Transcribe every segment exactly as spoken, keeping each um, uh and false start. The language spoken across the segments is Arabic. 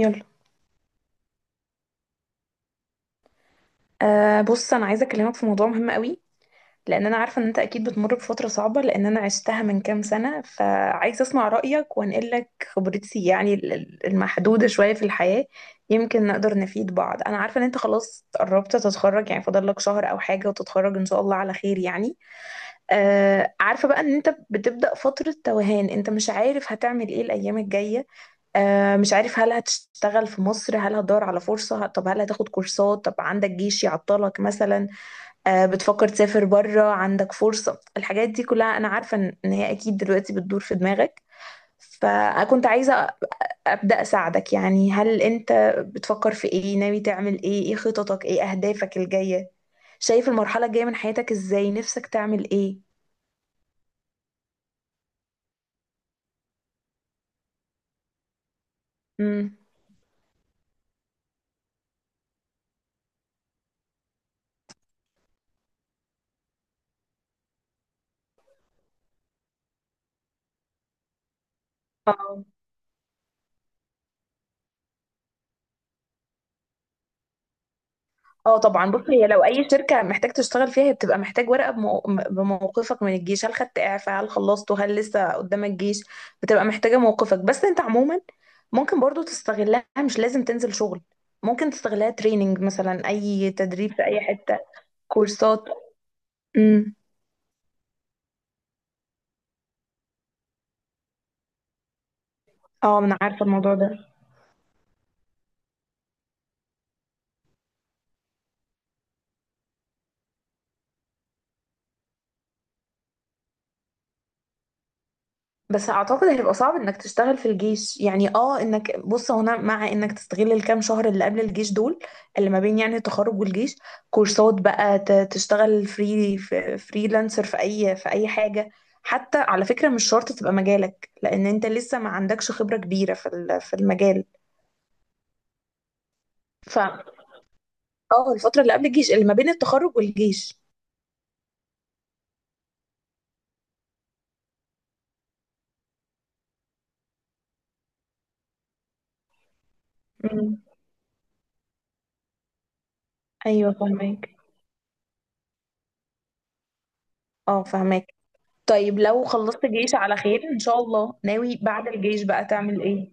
يلا. أه بص انا عايزه اكلمك في موضوع مهم قوي، لان انا عارفه ان انت اكيد بتمر بفتره صعبه، لان انا عشتها من كام سنه، فعايزه اسمع رايك وانقل لك خبرتي، يعني ال- ال- المحدوده شويه في الحياه. يمكن نقدر نفيد بعض. انا عارفه ان انت خلاص قربت تتخرج، يعني فاضل لك شهر او حاجه وتتخرج ان شاء الله على خير يعني. آه عارفة بقى ان انت بتبدأ فترة توهان، انت مش عارف هتعمل ايه الايام الجاية. آه مش عارف هل هتشتغل في مصر، هل هتدور على فرصة، طب هل هتاخد كورسات، طب عندك جيش يعطلك مثلا. آه بتفكر تسافر بره، عندك فرصة، الحاجات دي كلها انا عارفة ان إن هي اكيد دلوقتي بتدور في دماغك. فكنت عايزة أ- أبدأ أساعدك. يعني هل أنت بتفكر في إيه؟ ناوي تعمل إيه؟ إيه خططك؟ إيه أهدافك الجاية؟ شايف المرحلة الجاية من حياتك إزاي؟ نفسك تعمل إيه؟ امم اه. اه طبعا، بص هي لو اي شركه محتاج تشتغل فيها، هي بتبقى محتاج ورقه بمو... بموقفك من الجيش. هل خدت اعفاء؟ هل خلصته؟ هل لسه قدامك جيش؟ بتبقى محتاجه موقفك. بس انت عموما ممكن برضو تستغلها، مش لازم تنزل شغل. ممكن تستغلها تريننج مثلا، اي تدريب في اي حته. كورسات. امم اه انا عارفه الموضوع ده. بس اعتقد هيبقى صعب انك تشتغل في الجيش. يعني اه انك بص هنا، مع انك تستغل الكام شهر اللي قبل الجيش دول، اللي ما بين يعني التخرج والجيش. كورسات بقى، ت- تشتغل فري فريلانسر في اي في اي حاجة، حتى على فكرة مش شرط تبقى مجالك، لان انت لسه ما عندكش خبرة كبيرة في ال- في المجال. ف اه، الفترة اللي قبل الجيش، اللي ما بين التخرج والجيش. مم. ايوه فهمك. اه فهمك. طيب لو خلصت جيش على خير ان شاء الله، ناوي بعد الجيش بقى تعمل ايه؟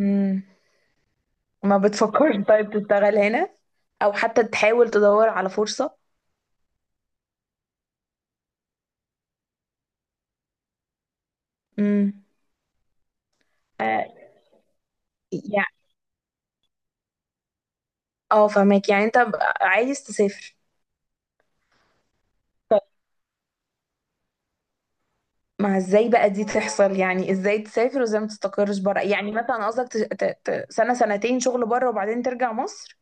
مم. ما بتفكرش طيب تشتغل هنا؟ او حتى تحاول تدور على فرصة؟ امم. آه. يعني اه فهمك، يعني انت ب- عايز تسافر. طيب ما ازاي بقى دي تحصل؟ يعني ازاي تسافر وازاي ما تستقرش بره؟ يعني مثلا قصدك تش- ت... ت... سنة سنتين شغل بره وبعدين ترجع مصر؟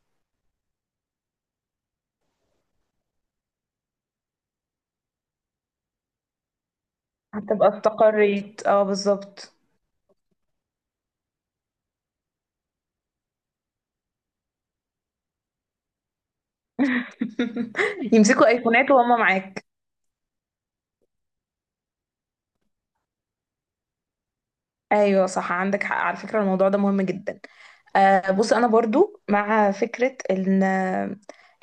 هتبقى استقريت، اه بالظبط. يمسكوا ايفونات وهم معاك. ايوه صح، عندك حق على فكرة، الموضوع ده مهم جدا. آه، بص انا برضو مع فكرة ان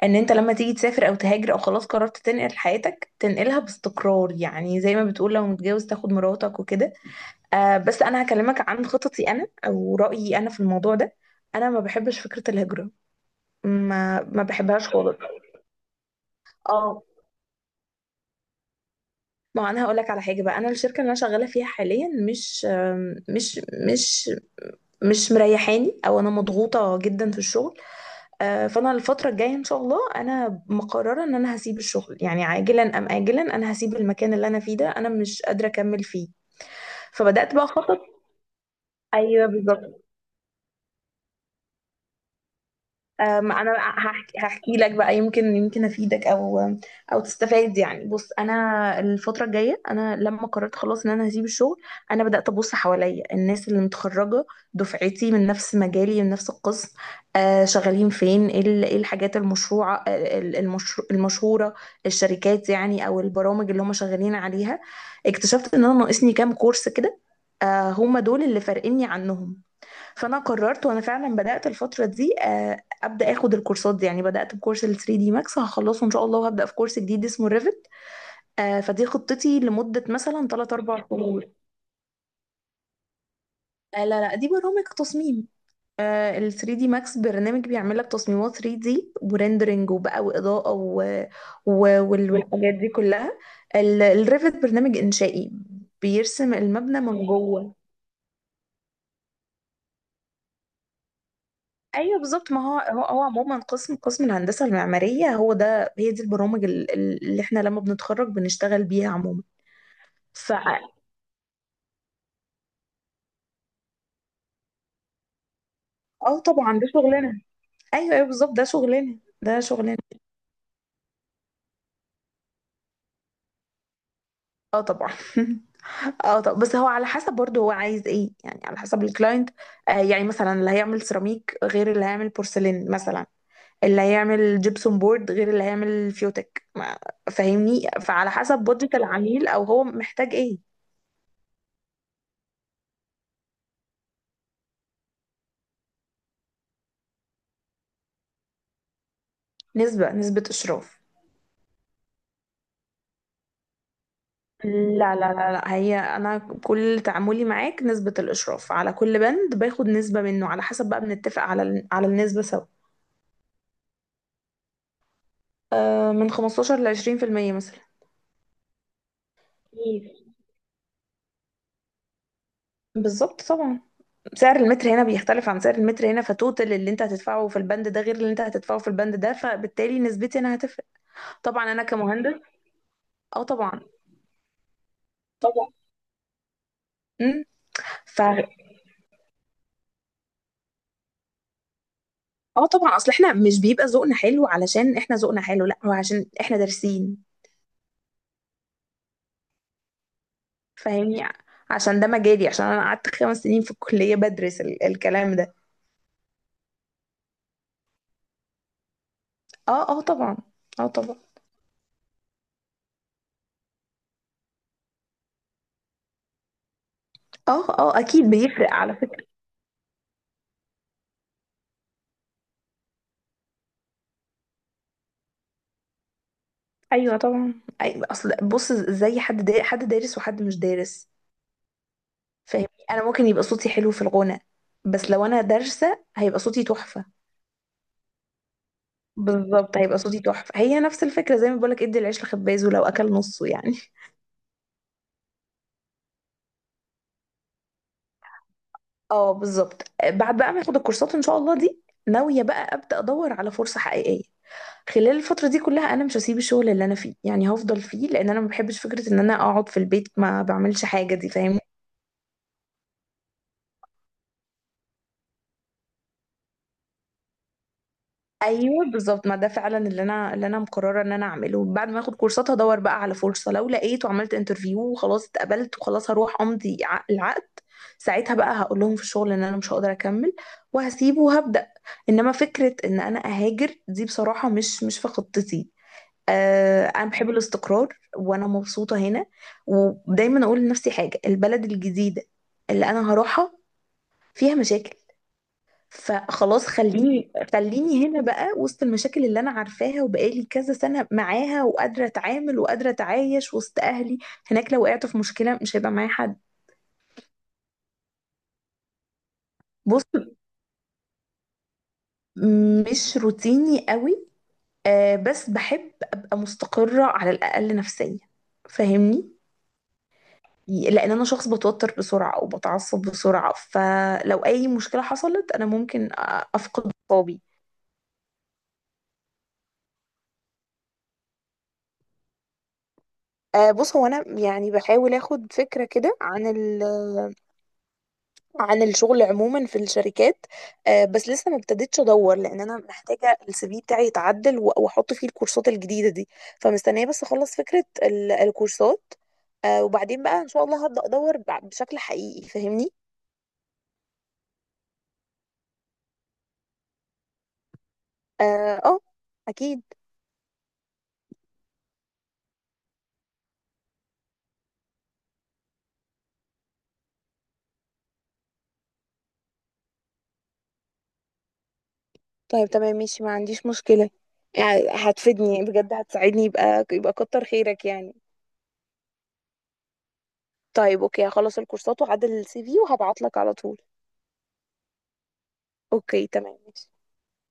ان انت لما تيجي تسافر او تهاجر او خلاص قررت تنقل حياتك، تنقلها باستقرار، يعني زي ما بتقول لو متجوز تاخد مراتك وكده. آه بس انا هكلمك عن خططي انا او رأيي انا في الموضوع ده. انا ما بحبش فكرة الهجرة، ما ما بحبهاش خالص. اه، ما انا هقول لك على حاجة بقى. انا الشركة اللي انا شغالة فيها حاليا مش آم، مش مش مش مريحاني، او انا مضغوطة جدا في الشغل. آه، فانا الفتره الجايه ان شاء الله انا مقرره ان انا هسيب الشغل، يعني عاجلا ام اجلا انا هسيب المكان اللي انا فيه ده، انا مش قادره اكمل فيه. فبدات بقى اخطط. ايوه بالظبط. أم، انا هحكي, هحكي لك بقى، يمكن يمكن افيدك او او تستفاد. يعني بص انا الفتره الجايه، انا لما قررت خلاص ان انا هسيب الشغل، انا بدات ابص حواليا الناس اللي متخرجه دفعتي من نفس مجالي من نفس القسم، آه شغالين فين، ايه ال- إيه الحاجات المشروعه، آه، ال- المشرو- المشهوره، الشركات يعني او البرامج اللي هم شغالين عليها. اكتشفت ان انا ناقصني كام كورس كده، آه هم دول اللي فارقيني عنهم. فانا قررت وانا فعلا بدات الفتره دي، آه، ابدا اخد الكورسات دي. يعني بدات بكورس ال ثري دي ماكس، هخلصه ان شاء الله، وهبدا في كورس جديد اسمه ريفت. فدي خطتي لمده مثلا ثلاثة أربعة شهور. آه، لا لا، دي برامج تصميم. آه، ال ثري دي ماكس برنامج بيعمل لك تصميمات ثري دي وريندرنج وبقى واضاءه و... و... وال- والحاجات دي كلها. الريفت برنامج انشائي، بيرسم المبنى من جوه. ايوه بالظبط. ما هو هو هو عموما قسم قسم الهندسه المعماريه هو ده، هي دي البرامج ال- ال- اللي احنا لما بنتخرج بنشتغل بيها عموما. ف اه طبعا، ده شغلنا. ايوه ايوه بالظبط، ده شغلنا، ده شغلنا. اه طبعا. اه، طب بس هو على حسب برضه هو عايز ايه، يعني على حسب الكلاينت. آه يعني مثلا اللي هيعمل سيراميك غير اللي هيعمل بورسلين مثلا، اللي هيعمل جبسون بورد غير اللي هيعمل فيوتك ما- فاهمني. فعلى حسب بودجت العميل او هو محتاج ايه. نسبة نسبة اشراف. لا لا لا لا، هي انا كل تعاملي معاك نسبة الاشراف على كل بند، باخد نسبة منه على حسب بقى، بنتفق على ال- على النسبة سوا. آه من خمسة عشر ل عشرين بالمية مثلا. كتير، بالظبط طبعا. سعر المتر هنا بيختلف عن سعر المتر هنا، فتوتال اللي انت هتدفعه في البند ده غير اللي انت هتدفعه في البند ده، فبالتالي نسبتي انا هتفرق. طبعا انا كمهندس. اه طبعا. طبعا. امم. ف اه طبعا، اصل احنا مش بيبقى ذوقنا حلو علشان احنا ذوقنا حلو، لا هو عشان احنا دارسين، فاهمني. عشان ده مجالي، عشان انا قعدت خمس سنين في الكلية بدرس ال الكلام ده. اه اه طبعا. اه طبعا. اه اه اكيد بيفرق على فكرة. ايوه طبعا. أي، اصل بص زي حد دا، حد دارس وحد مش دارس، فاهمني. انا ممكن يبقى صوتي حلو في الغنى، بس لو انا دارسة هيبقى صوتي تحفة. بالظبط، هيبقى صوتي تحفة. هي نفس الفكرة زي ما بقولك ادي العيش لخبازه لو اكل نصه يعني. اه بالظبط. بعد بقى ما اخد الكورسات ان شاء الله دي، ناوية بقى ابدأ ادور على فرصة حقيقية. خلال الفترة دي كلها انا مش هسيب الشغل اللي انا فيه، يعني هفضل فيه، لان انا ما بحبش فكرة ان انا اقعد في البيت ما بعملش حاجة دي، فاهمني. ايوه بالظبط، ما ده فعلا اللي انا اللي انا مقرره ان انا اعمله. بعد ما اخد كورسات هدور بقى على فرصه، لو لقيت وعملت انترفيو وخلاص اتقبلت، وخلاص هروح امضي ع- العقد. ساعتها بقى هقول لهم في الشغل ان انا مش هقدر اكمل، وهسيبه وهبدا. انما فكره ان انا اهاجر دي بصراحه مش مش في خطتي. آه انا بحب الاستقرار وانا مبسوطه هنا. ودايما اقول لنفسي حاجه، البلد الجديده اللي انا هروحها فيها مشاكل. فخلاص خليني خليني هنا بقى، وسط المشاكل اللي انا عارفاها وبقالي كذا سنة معاها وقادرة اتعامل وقادرة اتعايش وسط اهلي. هناك لو وقعت في مشكلة مش هيبقى معايا حد. بص مش روتيني قوي. آه بس بحب ابقى مستقرة على الاقل نفسيا، فاهمني. لان انا شخص بتوتر بسرعة او بتعصب بسرعة، فلو اي مشكلة حصلت انا ممكن أ- افقد اعصابي. آه، بص هو انا يعني بحاول اخد فكره كده عن ال عن الشغل عموما في الشركات. آه، بس لسه ما ابتديتش ادور، لان انا محتاجه السي في بتاعي يتعدل و- واحط فيه الكورسات الجديده دي. فمستنيه بس اخلص فكره ال- الكورسات. آه، وبعدين بقى ان شاء الله هبدا ادور ب- بشكل حقيقي، فاهمني. اه. آه. اكيد. طيب تمام ماشي، ما عنديش مشكله. يعني هتفيدني يعني بجد، هتساعدني، يبقى يبقى كتر خيرك يعني. طيب اوكي، هخلص الكورسات واعدل السي في وهبعت لك على طول. اوكي تمام ماشي.